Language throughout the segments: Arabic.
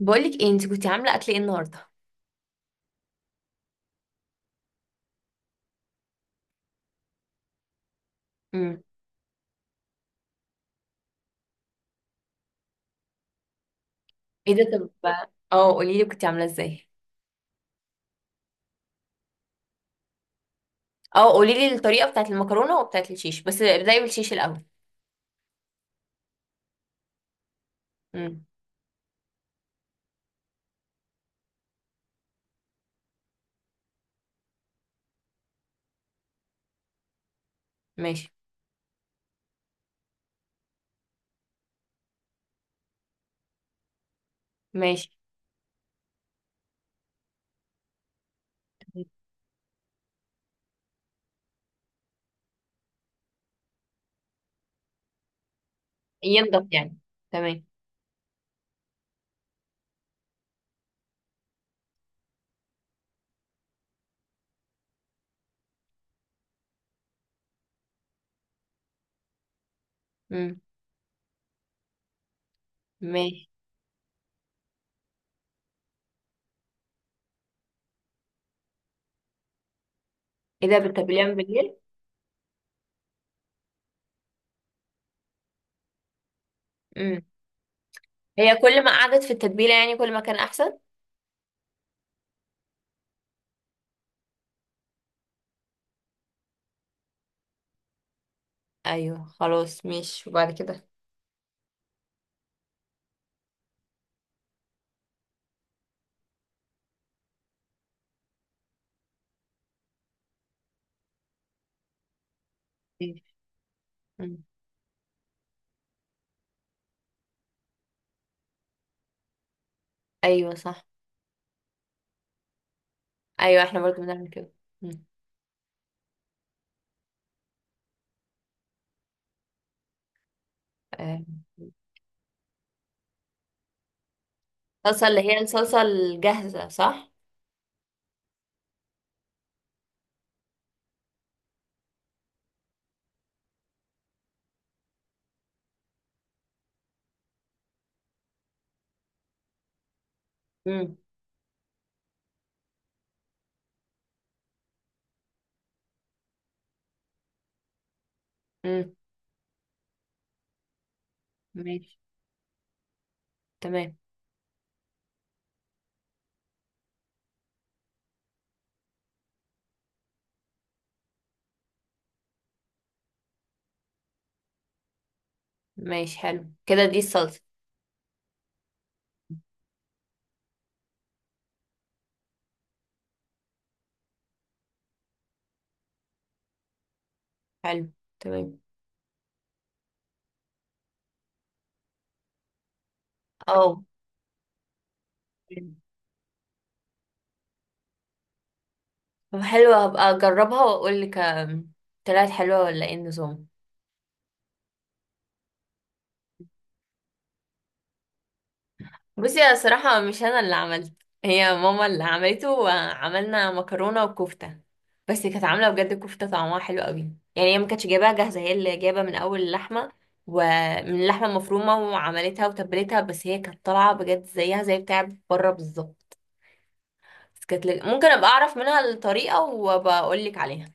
بقولك ايه؟ انت كنتي عامله اكل ايه النهارده؟ امم ايه ده؟ طب اه، قولي لي كنتي عامله ازاي. اه قولي لي الطريقه بتاعت المكرونه وبتاعت الشيش، بس ابدأي بالشيش الاول. امم ماشي. ماشي. ينضف يعني. تمام. امم ماشي. ايه ده؟ بتتبليها من بالليل؟ امم هي كل ما قعدت في التتبيله يعني كل ما كان احسن. ايوه خلاص ماشي، وبعد كده؟ إيه؟ مم. ايوه صح. ايوه احنا برضو بنعمل كده. مم. آه. الصلصه اللي هي الصلصه الجاهزه صح؟ امم امم ماشي. تمام. ماشي، حلو كده دي الصلصة. حلو. تمام. اه طب حلوة، هبقى اجربها واقول لك. طلعت حلوة ولا ايه النظام؟ بصي انا صراحة مش انا اللي عملت. هي ماما اللي عملته، وعملنا مكرونة وكفتة. بس كانت عاملة بجد كفتة طعمها حلو قوي. يعني هي ما كانتش جايباها جاهزة، هي اللي جايبة من اول اللحمة، ومن اللحمة المفرومة وعملتها وتبلتها. بس هي كانت طالعة بجد زيها زي بتاع بره بالظبط. بس كانت لذ- ممكن ابقى اعرف منها الطريقة وبقول لك عليها.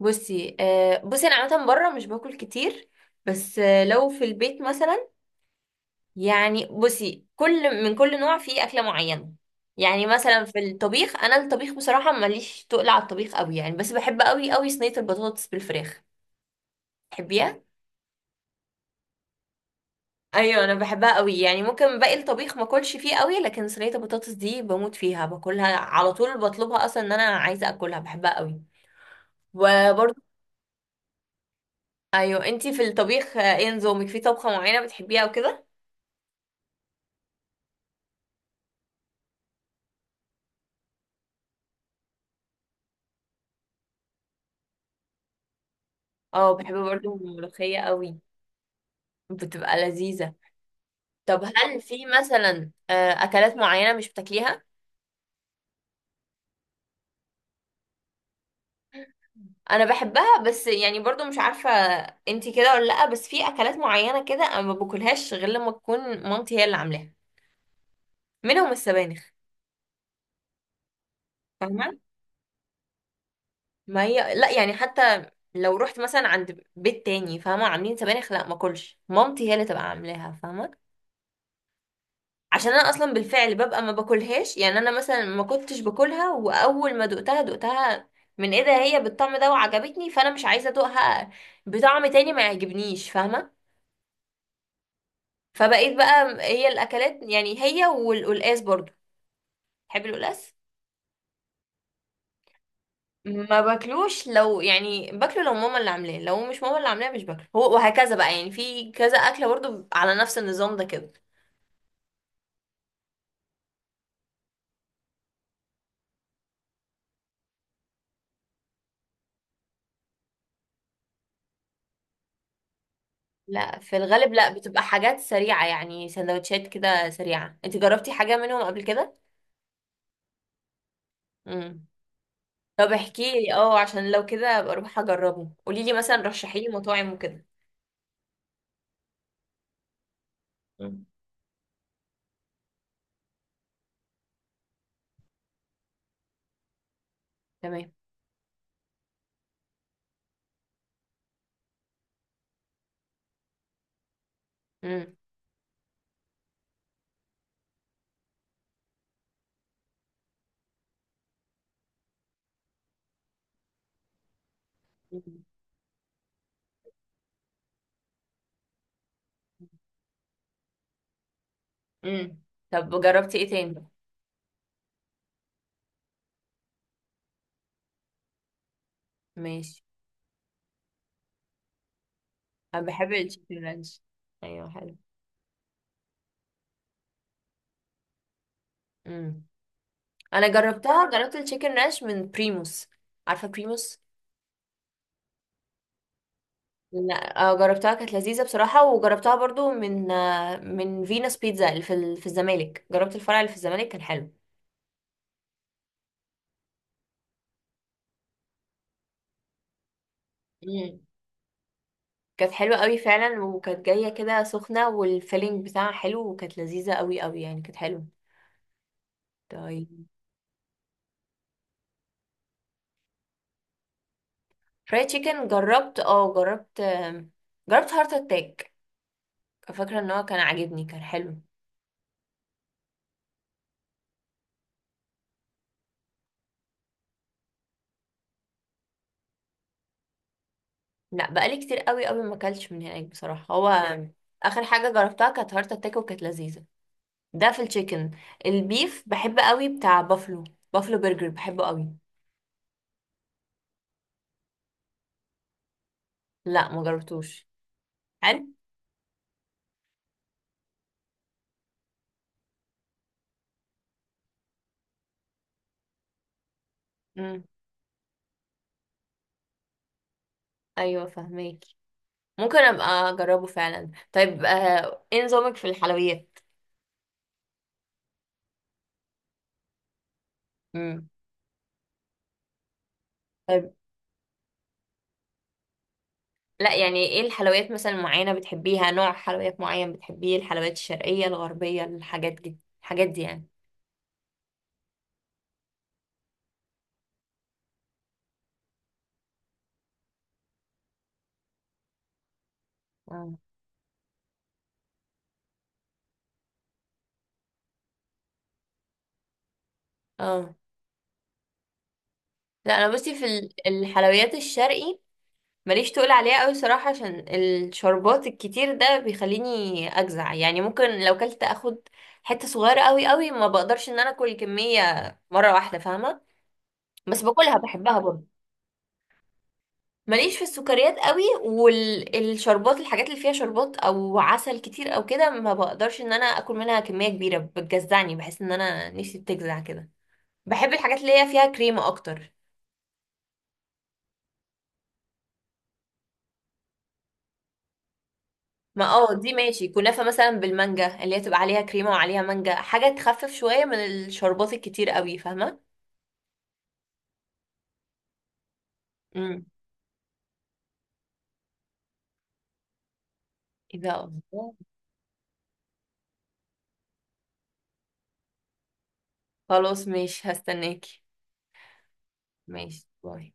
بصي آه، بصي انا عامه بره مش باكل كتير. بس آه لو في البيت مثلا، يعني بصي كل من كل نوع فيه اكله معينه. يعني مثلا في الطبيخ، انا الطبيخ بصراحه ماليش تقل على الطبيخ قوي يعني، بس بحب قوي قوي صينيه البطاطس بالفراخ. تحبيها؟ ايوه انا بحبها قوي. يعني ممكن باقي الطبيخ ما اكلش فيه قوي، لكن صينيه البطاطس دي بموت فيها، باكلها على طول، بطلبها اصلا ان انا عايزه اكلها، بحبها قوي. وبرضه ايوه، انتي في الطبيخ ايه نظامك؟ في طبخه معينه بتحبيها وكده؟ اه بحب برضو الملوخية قوي. بتبقى لذيذة. طب هل في مثلا أكلات معينة مش بتاكليها؟ أنا بحبها بس يعني برضو مش عارفة. انتي كده ولا لأ؟ بس في أكلات معينة كده أنا ما باكلهاش غير لما تكون مامتي هي اللي عاملاها. منهم السبانخ. فاهمة؟ ما هي لأ، يعني حتى لو رحت مثلا عند بيت تاني فاهمة عاملين سبانخ، لأ ما اكلش. مامتي هي اللي تبقى عاملاها. فاهمة؟ عشان انا اصلا بالفعل ببقى ما باكلهاش. يعني انا مثلا ما كنتش باكلها، واول ما دقتها دقتها من ايه ده، هي بالطعم ده وعجبتني، فانا مش عايزه ادوقها بطعم تاني ما يعجبنيش. فاهمه؟ فبقيت بقى هي الاكلات، يعني هي والقلقاس برضو. تحب القلقاس؟ ما باكلوش. لو يعني باكله، لو ماما اللي عاملاه. لو مش ماما اللي عاملاه مش باكله، هو وهكذا بقى، يعني في كذا اكله برضو على نفس النظام ده كده. لا في الغالب لا، بتبقى حاجات سريعه يعني، سندوتشات كده سريعه. انت جربتي حاجه منهم قبل كده؟ امم طب احكي لي، اه عشان لو كده ابقى اروح اجربه. قولي لي مثلا، رشحي لي مطاعم وكده. مم. تمام. امم امم طب جربتي ايه تاني؟ ماشي. انا بحب التشيكن رانش. ايوه حلو. امم انا جربتها، جربت التشيكن رانش من بريموس. عارفه بريموس؟ لا جربتها كانت لذيذه بصراحه. وجربتها برضو من آه، من فينوس بيتزا اللي في في الزمالك. جربت الفرع اللي في الزمالك كان حلو. مم. كانت حلوة قوي فعلا، وكانت جاية كده سخنة، والفيلينج بتاعها حلو، وكانت لذيذة قوي قوي، يعني كانت حلوة. طيب. فرايد تشيكن جربت اه، جربت جربت هارت اتاك. فاكرة ان هو كان عاجبني، كان حلو. لا بقالي كتير قوي قوي ما اكلتش من هناك بصراحة. هو اخر حاجة جربتها كانت هارت اتاك وكانت لذيذة. ده في التشيكن. البيف بحب قوي بتاع بافلو. بافلو برجر بحبه قوي. لا ما جربتوش. حلو. امم ايوه فهماكي. ممكن ابقى اجربه فعلا. طيب ايه نظامك في الحلويات؟ امم طيب. لا يعني ايه الحلويات مثلا معينة بتحبيها؟ نوع حلويات معين بتحبيه؟ الحلويات الشرقية، الغربية، الحاجات دي الحاجات دي يعني. مم. اه لا انا بصي في الحلويات الشرقي ماليش تقول عليها قوي صراحة، عشان الشربات الكتير ده بيخليني اجزع. يعني ممكن لو كلت اخد حتة صغيرة قوي قوي، ما بقدرش ان انا اكل كمية مرة واحدة. فاهمة؟ بس باكلها بحبها برضه. ماليش في السكريات قوي، والشربات الحاجات اللي فيها شربات او عسل كتير او كده ما بقدرش ان انا اكل منها كمية كبيرة، بتجزعني، بحس ان انا نفسي بتجزع كده. بحب الحاجات اللي هي فيها كريمة اكتر. ما اه دي ماشي، كنافة مثلا بالمانجا اللي هي تبقى عليها كريمة وعليها مانجا، حاجة تخفف شوية من الشربات الكتير قوي. فاهمة؟ امم ايه ده؟ الله. خلاص ماشي، هستناكي. ماشي، باي.